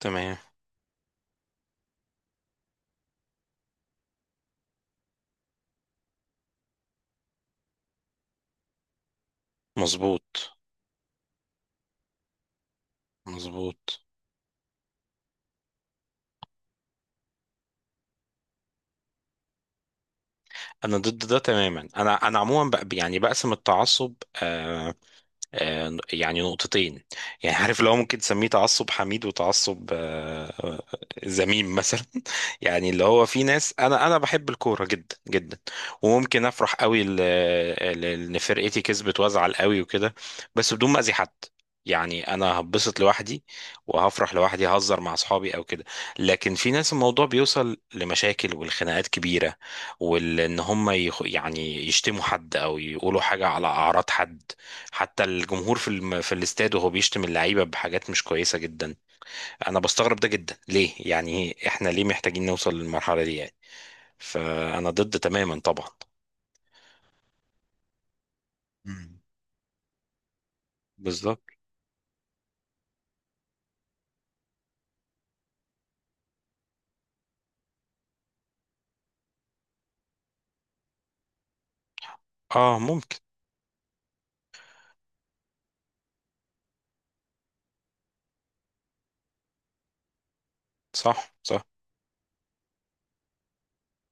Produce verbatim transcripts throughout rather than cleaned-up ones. تمام. مظبوط. مظبوط. انا ضد ده تماما. انا انا عموما بق... يعني بقسم التعصب. آه، آه، يعني نقطتين. يعني عارف اللي هو ممكن تسميه تعصب حميد، وتعصب آه، آه، ذميم مثلا يعني اللي هو في ناس، انا انا بحب الكوره جدا جدا، وممكن افرح قوي ل- ل- ان فرقتي كسبت، وازعل قوي وكده، بس بدون ما اذي حد. يعني انا هبسط لوحدي، وهفرح لوحدي، هزر مع اصحابي او كده. لكن في ناس الموضوع بيوصل لمشاكل والخناقات كبيره، وان هم يخ... يعني يشتموا حد، او يقولوا حاجه على اعراض حد. حتى الجمهور في الم... في الاستاد وهو بيشتم اللعيبه بحاجات مش كويسه جدا. انا بستغرب ده جدا، ليه يعني، احنا ليه محتاجين نوصل للمرحله دي يعني؟ فانا ضد تماما طبعا. مم. بالظبط. اه، ممكن. صح، صح،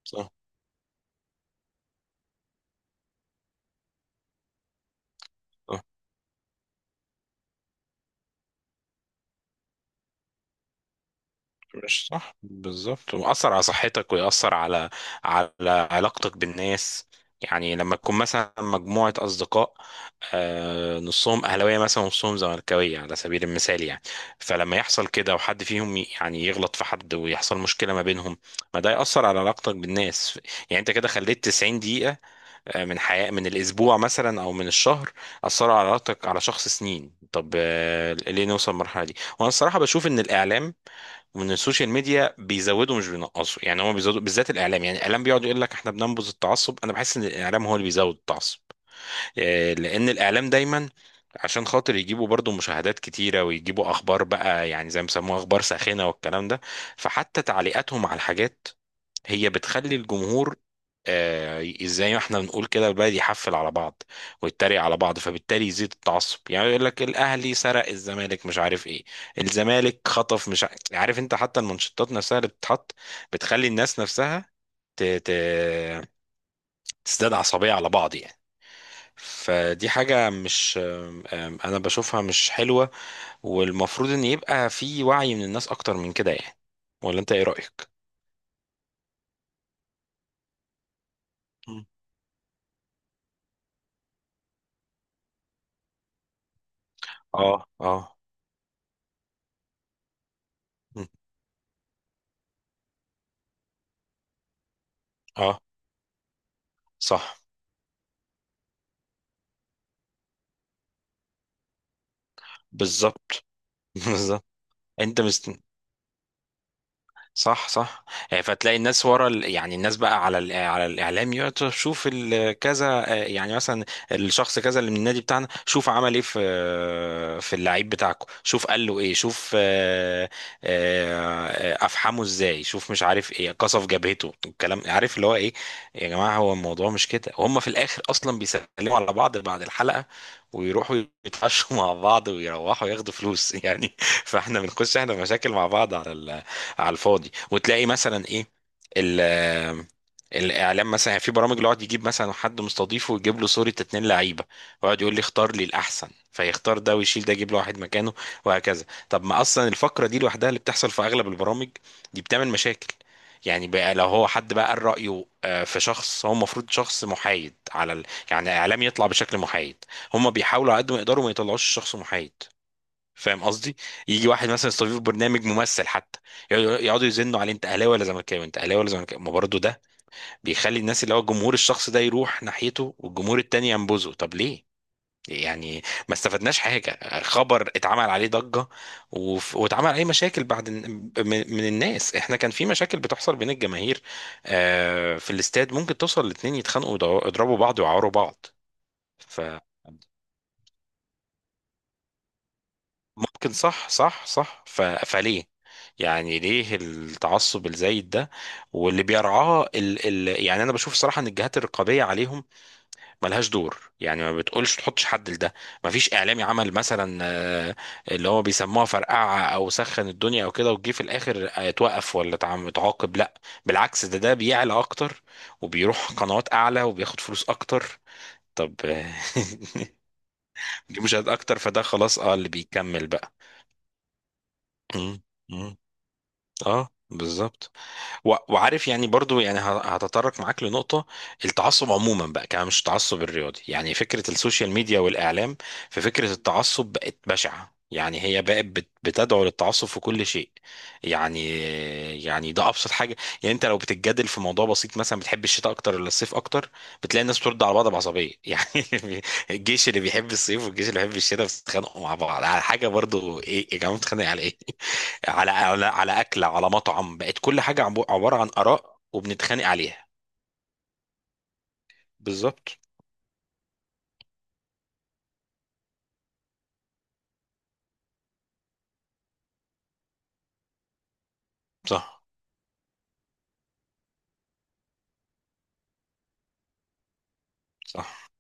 صح. مش صح، بالظبط. وأثر على صحتك، ويأثر على على علاقتك بالناس. يعني لما تكون مثلا مجموعة أصدقاء، آه، نصهم أهلاوية مثلا ونصهم زملكاوية على سبيل المثال يعني. فلما يحصل كده، وحد فيهم ي- يعني يغلط في حد ويحصل مشكلة ما بينهم، ما ده يأثر على علاقتك بالناس. يعني أنت كده خليت 90 دقيقة، آه، من حياة، من الأسبوع مثلا أو من الشهر، أثروا على علاقتك على شخص سنين. طب آه، ليه نوصل للمرحلة دي؟ وأنا الصراحة بشوف إن الإعلام ومن السوشيال ميديا بيزودوا مش بينقصوا. يعني هم بيزودوا، بالذات الاعلام. يعني الاعلام بيقعد يقول لك احنا بننبذ التعصب، انا بحس ان الاعلام هو اللي بيزود التعصب. آه، لان الاعلام دايما عشان خاطر يجيبوا برضو مشاهدات كتيرة، ويجيبوا اخبار بقى، يعني زي ما بيسموها اخبار ساخنة والكلام ده. فحتى تعليقاتهم على الحاجات هي بتخلي الجمهور، آه، زي ما احنا بنقول كده، البلد يحفل على بعض، ويتريق على بعض، فبالتالي يزيد التعصب. يعني يقول لك الاهلي سرق الزمالك مش عارف ايه، الزمالك خطف مش عارف, عارف انت. حتى المنشطات نفسها اللي بتتحط بتخلي الناس نفسها ت... ت... تزداد عصبية على بعض يعني. فدي حاجة مش، آم، آم، انا بشوفها مش حلوة. والمفروض ان يبقى في وعي من الناس اكتر من كده يعني. ولا انت ايه رأيك؟ مم. اه، اه. مم. اه، صح، بالظبط. بالظبط. انت مست... صح، صح. آه، فتلاقي الناس ورا ال... يعني الناس بقى على ال... على الاعلام، يقعد تشوف ال... كذا، آه، يعني مثلا الشخص كذا اللي من النادي بتاعنا، شوف عمل ايه في في اللعيب بتاعكم، شوف قال له ايه، شوف آه، آه، آه، افحمه ازاي، شوف مش عارف ايه، قصف جبهته، الكلام عارف اللي هو ايه. يا جماعه، هو الموضوع مش كده، وهم في الاخر اصلا بيسلموا على بعض بعد الحلقه، ويروحوا يتعشوا مع بعض، ويروحوا ياخدوا فلوس يعني. فاحنا بنخش احنا مشاكل مع بعض على ال... على الفاضي. وتلاقي مثلا ايه، ال الاعلام مثلا، يعني في برامج اللي يقعد يجيب مثلا حد مستضيفه، ويجيب له صورة اتنين لعيبة، ويقعد يقول لي اختار لي الاحسن، فيختار ده ويشيل ده، يجيب له واحد مكانه، وهكذا. طب ما اصلا الفقرة دي لوحدها اللي بتحصل في اغلب البرامج دي بتعمل مشاكل. يعني بقى لو هو حد بقى قال رأيه آه، في شخص، هو المفروض شخص محايد على ال... يعني اعلام يطلع بشكل محايد. هم بيحاولوا على قد ما يقدروا ما يطلعوش شخص محايد، فاهم قصدي. يجي واحد مثلا يستضيف برنامج ممثل حتى، يقعدوا يقعدوا يزنوا عليه انت اهلاوي ولا زملكاوي، انت اهلاوي ولا زملكاوي. ما برضه ده بيخلي الناس، اللي هو الجمهور، الشخص ده يروح ناحيته والجمهور التاني ينبذه. طب ليه يعني؟ ما استفدناش حاجه، خبر اتعمل عليه ضجه وف- واتعمل عليه مشاكل بعد من من الناس. احنا كان في مشاكل بتحصل بين الجماهير، آه، في الاستاد ممكن توصل الاتنين يتخانقوا، ويضربوا بعض، ويعوروا بعض. ف ممكن، صح، صح، صح. ف... فليه يعني ليه التعصب الزايد ده؟ واللي بيرعاه ال... ال... يعني انا بشوف صراحة ان الجهات الرقابية عليهم ملهاش دور. يعني ما بتقولش تحطش حد لده، ما فيش اعلامي عمل مثلا آه، اللي هو بيسموها فرقعة او سخن الدنيا او كده، وجي في الاخر آه، اتوقف ولا اتعم- اتعاقب؟ لا بالعكس، ده ده بيعلى اكتر، وبيروح قنوات اعلى، وبياخد فلوس اكتر. طب آه، دي مشاهدات اكتر، فده خلاص، اه، اللي بيكمل بقى. مم. اه، بالظبط. و- وعارف يعني، برضو يعني ه- هتطرق معاك لنقطة، التعصب عموما بقى، كمان مش التعصب الرياضي. يعني فكرة السوشيال ميديا والإعلام، في فكرة التعصب بقت بشعة. يعني هي بقت بت- بتدعو للتعصب في كل شيء يعني. يعني ده أبسط حاجة، يعني أنت لو بتتجادل في موضوع بسيط مثلا، بتحب الشتاء أكتر ولا الصيف أكتر، بتلاقي الناس بترد على بعض بعصبية يعني. الجيش اللي بيحب الصيف والجيش اللي بيحب الشتاء بيتخانقوا مع بعض على حاجة برضو. إيه يا جماعة بتتخانق على إيه؟ على على على اكله، على مطعم. بقت كل حاجه عبو- عباره عن اراء، وبنتخانق عليها. بالظبط. صح، صح.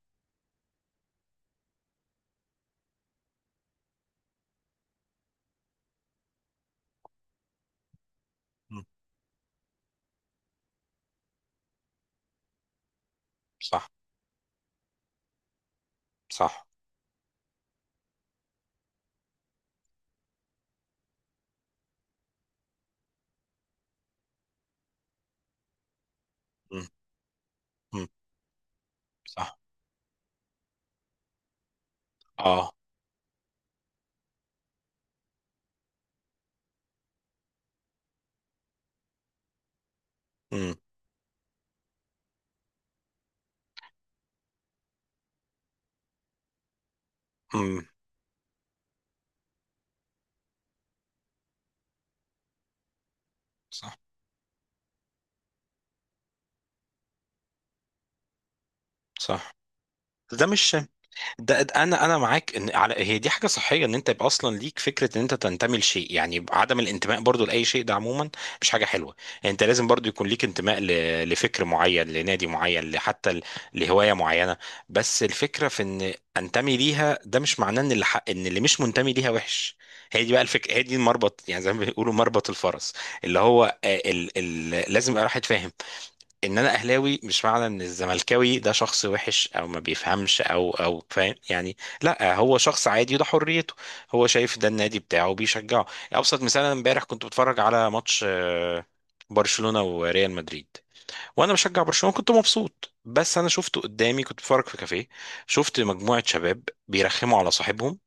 مم. صح، صح. مم. مم. صح. اه. مم. مم. صح، صح. ده مش ده ده انا انا معاك، ان على هي دي حاجه صحيه، ان انت يبقى اصلا ليك فكره ان انت تنتمي لشيء. يعني عدم الانتماء برضو لاي شيء ده عموما مش حاجه حلوه. يعني انت لازم برضو يكون ليك انتماء ل- لفكر معين، لنادي معين، لحتى ل- لهوايه معينه. بس الفكره في ان انتمي ليها، ده مش معناه ان اللي حق، ان اللي مش منتمي ليها وحش. هي دي بقى الفكره، هي دي المربط، يعني زي ما بيقولوا مربط الفرس. اللي هو آه، ال ال لازم يبقى الواحد فاهم، ان انا اهلاوي مش معنى ان الزملكاوي ده شخص وحش، او ما بيفهمش او او فاهم يعني. لا، هو شخص عادي وده حريته، هو شايف ده النادي بتاعه وبيشجعه. ابسط مثال، انا امبارح كنت بتفرج على ماتش آه، برشلونة وريال مدريد، وانا بشجع برشلونة، كنت مبسوط. بس انا شفته قدامي، كنت بتفرج في كافيه، شفت مجموعة شباب بيرخموا على صاحبهم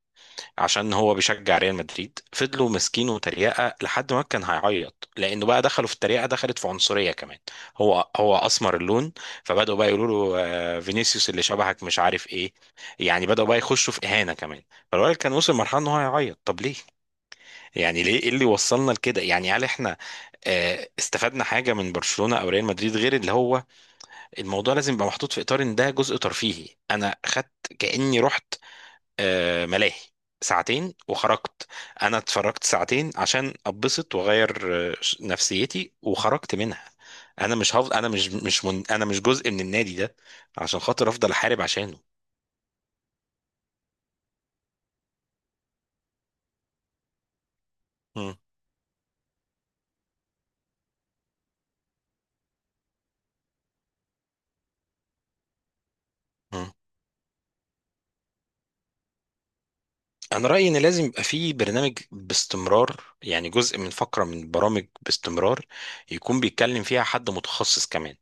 عشان هو بيشجع ريال مدريد، فضلوا ماسكينه وتريقه لحد ما كان هيعيط، لانه بقى دخلوا في التريقه، دخلت في عنصريه كمان. هو هو اسمر اللون، فبداوا بقى يقولوا له آه، فينيسيوس اللي شبهك مش عارف ايه، يعني بداوا بقى يخشوا في اهانه كمان. فالولد كان وصل لمرحله ان هو هيعيط. طب ليه؟ يعني ليه، ايه اللي وصلنا لكده يعني؟ هل احنا آه، استفدنا حاجه من برشلونه او ريال مدريد؟ غير اللي هو، الموضوع لازم يبقى محطوط في اطار ان ده جزء ترفيهي. انا خدت كاني رحت آه، ملاهي ساعتين وخرجت. انا اتفرجت ساعتين عشان ابسط واغير آه، ش- نفسيتي، وخرجت منها. انا مش هفضل، انا مش مش من... انا مش جزء من النادي ده عشان خاطر افضل احارب عشانه. مم. مم. انا رايي ان لازم يبقى في برنامج باستمرار، يعني جزء من فقره من برامج باستمرار، يكون بيتكلم فيها حد متخصص كمان.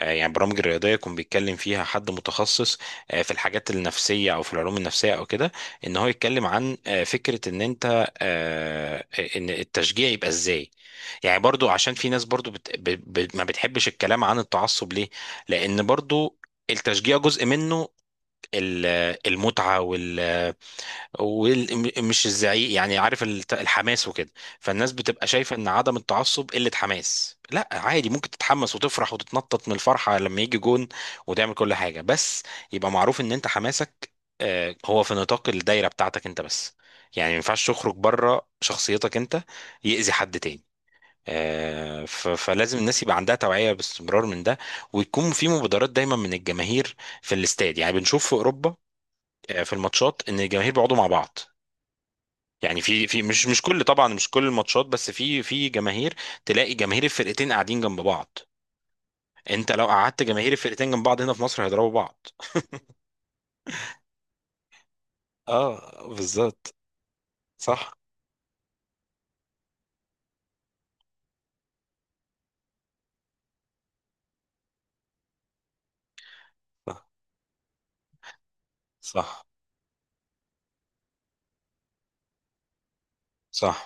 آه، يعني برامج الرياضيه يكون بيتكلم فيها حد متخصص آه، في الحاجات النفسيه، او في العلوم النفسيه او كده. ان هو يتكلم عن آه، فكره ان انت آه، ان التشجيع يبقى ازاي. يعني برضو عشان في ناس برضو بت... ب... ب... ما بتحبش الكلام عن التعصب. ليه؟ لان برضو التشجيع جزء منه، ال- المتعة وال، ومش الزعيق يعني. عارف الت- الحماس وكده. فالناس بتبقى شايفة ان عدم التعصب قلة حماس. لا عادي، ممكن تتحمس وتفرح وتتنطط من الفرحة لما يجي جون، وتعمل كل حاجة، بس يبقى معروف ان انت حماسك آه، هو في نطاق الدايرة بتاعتك انت بس. يعني ما ينفعش تخرج بره شخصيتك انت، يأذي حد تاني. آه، ف- فلازم الناس يبقى عندها توعية باستمرار من ده، ويكون في مبادرات دايما من الجماهير في الاستاد. يعني بنشوف في أوروبا آه، في الماتشات ان الجماهير بيقعدوا مع بعض، يعني في في مش مش كل، طبعا مش كل الماتشات، بس في في جماهير تلاقي جماهير الفرقتين قاعدين جنب بعض. انت لو قعدت جماهير الفرقتين جنب بعض هنا في مصر هيضربوا بعض. اه بالظبط. صح، صح، صح، صح.